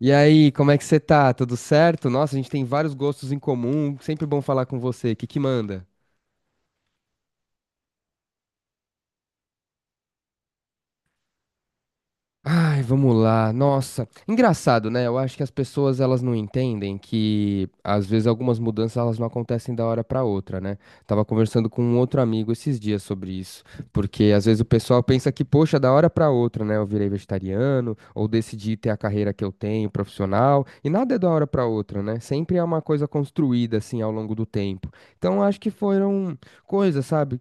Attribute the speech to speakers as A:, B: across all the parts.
A: E aí, como é que você tá? Tudo certo? Nossa, a gente tem vários gostos em comum. Sempre bom falar com você. O que que manda? Ai, vamos lá. Nossa, engraçado, né? Eu acho que as pessoas elas não entendem que às vezes algumas mudanças elas não acontecem da hora pra outra, né? Tava conversando com um outro amigo esses dias sobre isso, porque às vezes o pessoal pensa que, poxa, da hora pra outra, né? Eu virei vegetariano ou decidi ter a carreira que eu tenho, profissional, e nada é da hora pra outra, né? Sempre é uma coisa construída assim ao longo do tempo. Então, eu acho que foram coisas, sabe?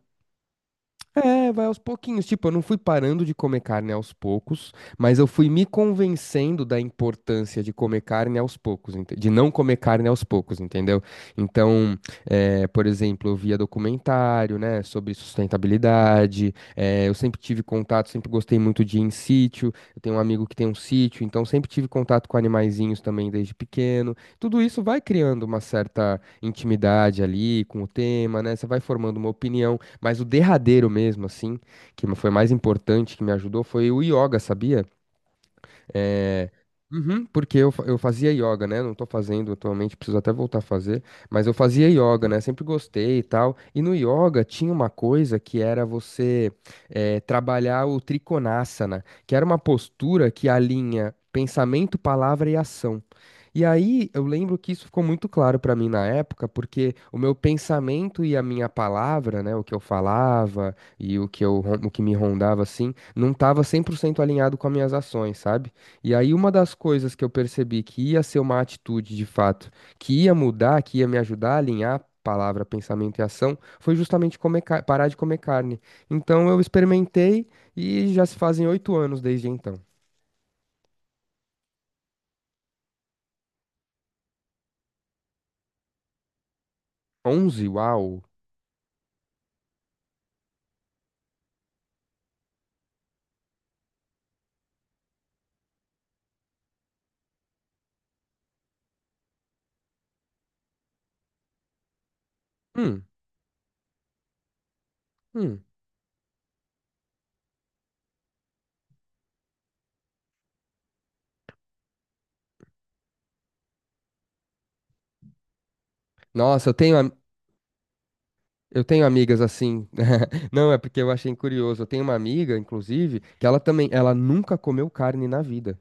A: É, vai aos pouquinhos. Tipo, eu não fui parando de comer carne aos poucos, mas eu fui me convencendo da importância de comer carne aos poucos, de não comer carne aos poucos, entendeu? Então, por exemplo, eu via documentário, né, sobre sustentabilidade. Eh, eu sempre tive contato, sempre gostei muito de ir em sítio. Eu tenho um amigo que tem um sítio, então sempre tive contato com animaizinhos também desde pequeno. Tudo isso vai criando uma certa intimidade ali com o tema, né? Você vai formando uma opinião. Mas o derradeiro mesmo, assim, que foi mais importante, que me ajudou, foi o yoga, sabia? Uhum, porque eu, eu fazia yoga, né? Não tô fazendo atualmente, preciso até voltar a fazer. Mas eu fazia yoga, né? Sempre gostei e tal. E no yoga tinha uma coisa que era você trabalhar o Trikonasana, que era uma postura que alinha pensamento, palavra e ação. E aí eu lembro que isso ficou muito claro pra mim na época, porque o meu pensamento e a minha palavra, né? O que eu falava e o que eu, o que me rondava assim, não tava 100% alinhado com as minhas ações, sabe? E aí, uma das coisas que eu percebi que ia ser uma atitude de fato, que ia mudar, que ia me ajudar a alinhar palavra, pensamento e ação, foi justamente comer parar de comer carne. Então, eu experimentei e já se fazem 8 anos desde então. Onze? Uau! Hum, hum. Nossa, eu tenho amigas assim. Não, é porque eu achei curioso. Eu tenho uma amiga, inclusive, que ela também, ela nunca comeu carne na vida.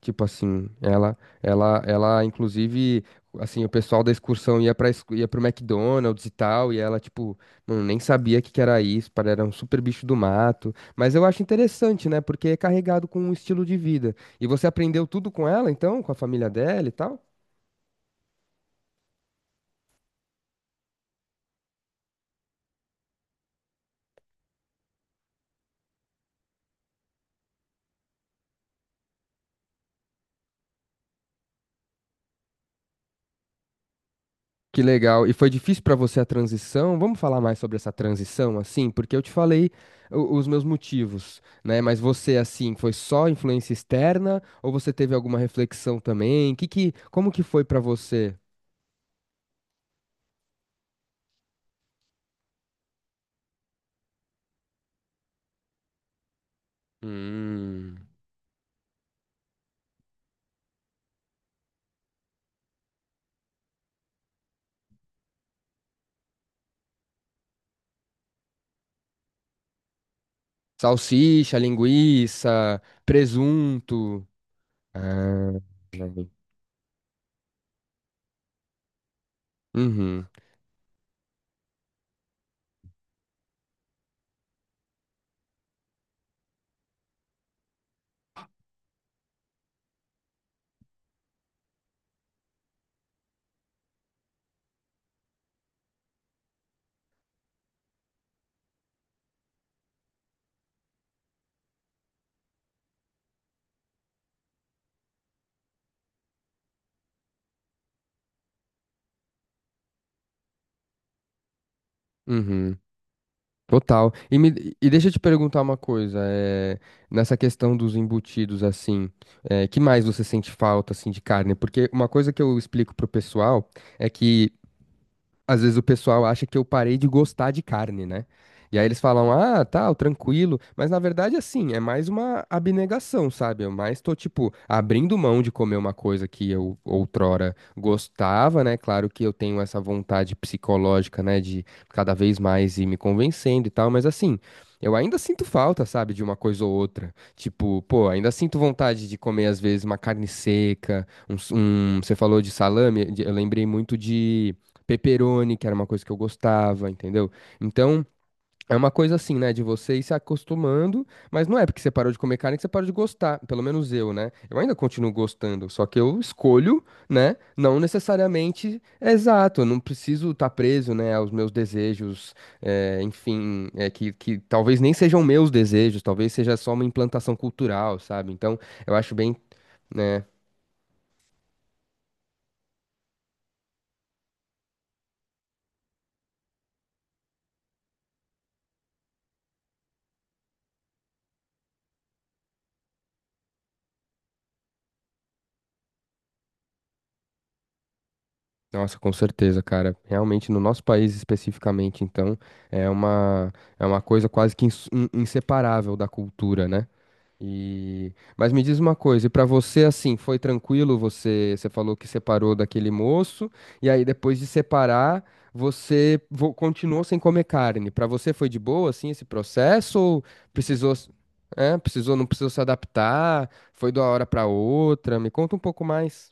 A: Tipo assim, ela, inclusive, assim, o pessoal da excursão ia pro McDonald's e tal, e ela, tipo, não, nem sabia o que que era isso, para era um super bicho do mato. Mas eu acho interessante, né? Porque é carregado com um estilo de vida. E você aprendeu tudo com ela, então, com a família dela e tal? Que legal. E foi difícil para você a transição? Vamos falar mais sobre essa transição, assim? Porque eu te falei os meus motivos, né? Mas você, assim, foi só influência externa ou você teve alguma reflexão também? Como que foi para você? Hum, salsicha, linguiça, presunto. Ah, já vi. Uhum, uhum. Total. E deixa eu te perguntar uma coisa, nessa questão dos embutidos, assim, é, que mais você sente falta, assim, de carne? Porque uma coisa que eu explico pro pessoal é que às vezes o pessoal acha que eu parei de gostar de carne, né? E aí eles falam, ah, tal, tranquilo. Mas na verdade, assim, é mais uma abnegação, sabe? Eu mais tô, tipo, abrindo mão de comer uma coisa que eu outrora gostava, né? Claro que eu tenho essa vontade psicológica, né, de cada vez mais ir me convencendo e tal, mas assim. Eu ainda sinto falta, sabe, de uma coisa ou outra. Tipo, pô, ainda sinto vontade de comer, às vezes, uma carne seca, você falou de salame, eu lembrei muito de pepperoni, que era uma coisa que eu gostava, entendeu? Então, é uma coisa assim, né, de você ir se acostumando, mas não é porque você parou de comer carne que você parou de gostar, pelo menos eu, né? Eu ainda continuo gostando, só que eu escolho, né, não necessariamente exato, eu não preciso estar preso, né, aos meus desejos, enfim, que talvez nem sejam meus desejos, talvez seja só uma implantação cultural, sabe? Então, eu acho bem. Né, nossa, com certeza, cara. Realmente, no nosso país especificamente, então, é uma, é uma coisa quase inseparável da cultura, né? E... Mas me diz uma coisa, e pra você, assim, foi tranquilo? Você falou que separou daquele moço, e aí depois de separar, continuou sem comer carne. Pra você foi de boa, assim, esse processo? Ou precisou, s- precisou, não precisou se adaptar? Foi de uma hora pra outra? Me conta um pouco mais.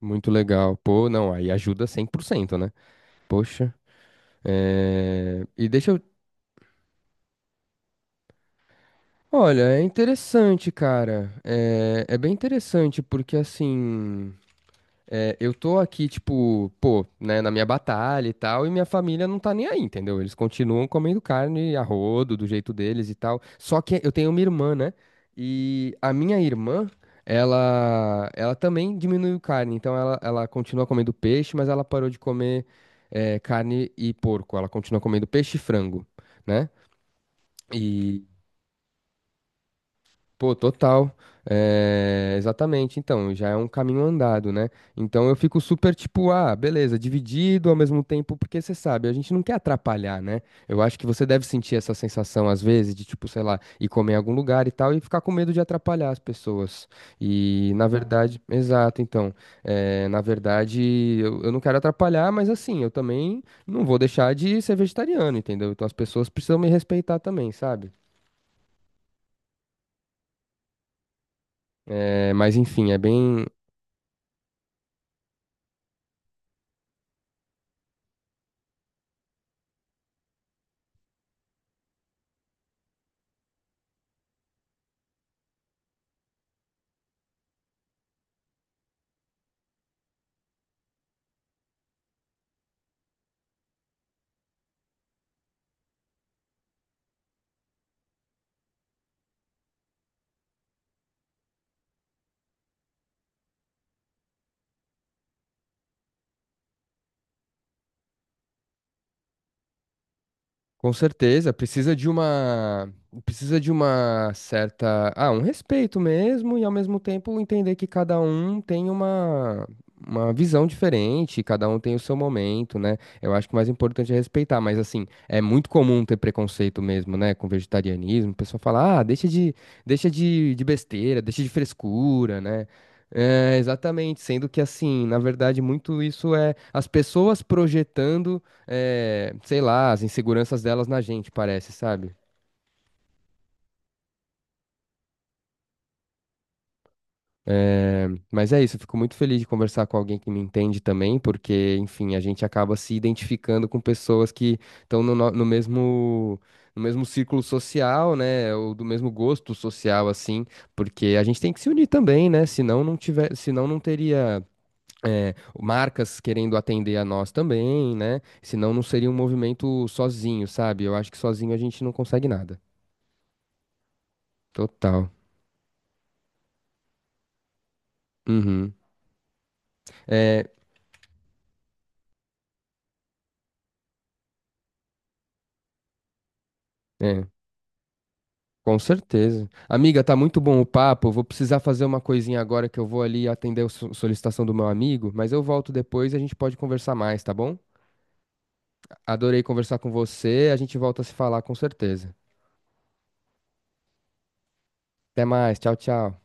A: Muito legal. Pô, não, aí ajuda 100%, né? Poxa. É... E deixa eu. Olha, é interessante, cara. É... é bem interessante, porque assim. É, eu tô aqui, tipo, pô, né, na minha batalha e tal, e minha família não tá nem aí, entendeu? Eles continuam comendo carne a rodo, do jeito deles e tal. Só que eu tenho uma irmã, né? E a minha irmã, ela também diminuiu carne. Ela continua comendo peixe, mas ela parou de comer, é, carne e porco. Ela continua comendo peixe e frango, né? E pô, total. É, exatamente. Então, já é um caminho andado, né? Então eu fico super tipo, ah, beleza, dividido ao mesmo tempo, porque você sabe, a gente não quer atrapalhar, né? Eu acho que você deve sentir essa sensação às vezes de tipo, sei lá, ir comer em algum lugar e tal e ficar com medo de atrapalhar as pessoas. E na verdade, exato, então, é, na verdade, eu não quero atrapalhar, mas assim, eu também não vou deixar de ser vegetariano, entendeu? Então as pessoas precisam me respeitar também, sabe? É, mas enfim, é bem. Com certeza, precisa de uma certa, ah, um respeito mesmo e ao mesmo tempo entender que cada um tem uma visão diferente, cada um tem o seu momento, né? Eu acho que o mais importante é respeitar, mas assim, é muito comum ter preconceito mesmo, né, com vegetarianismo. O pessoal fala: "Ah, deixa de besteira, deixa de frescura", né? É, exatamente, sendo que assim, na verdade, muito isso é as pessoas projetando é, sei lá, as inseguranças delas na gente, parece, sabe? Mas é isso, eu fico muito feliz de conversar com alguém que me entende também, porque, enfim, a gente acaba se identificando com pessoas que estão no mesmo. No mesmo círculo social, né? Ou do mesmo gosto social, assim, porque a gente tem que se unir também, né? Senão não teria é, marcas querendo atender a nós também, né? Senão não seria um movimento sozinho, sabe? Eu acho que sozinho a gente não consegue nada. Total. Uhum. É, é, com certeza. Amiga, tá muito bom o papo. Vou precisar fazer uma coisinha agora que eu vou ali atender a solicitação do meu amigo, mas eu volto depois e a gente pode conversar mais, tá bom? Adorei conversar com você. A gente volta a se falar com certeza. Até mais. Tchau, tchau.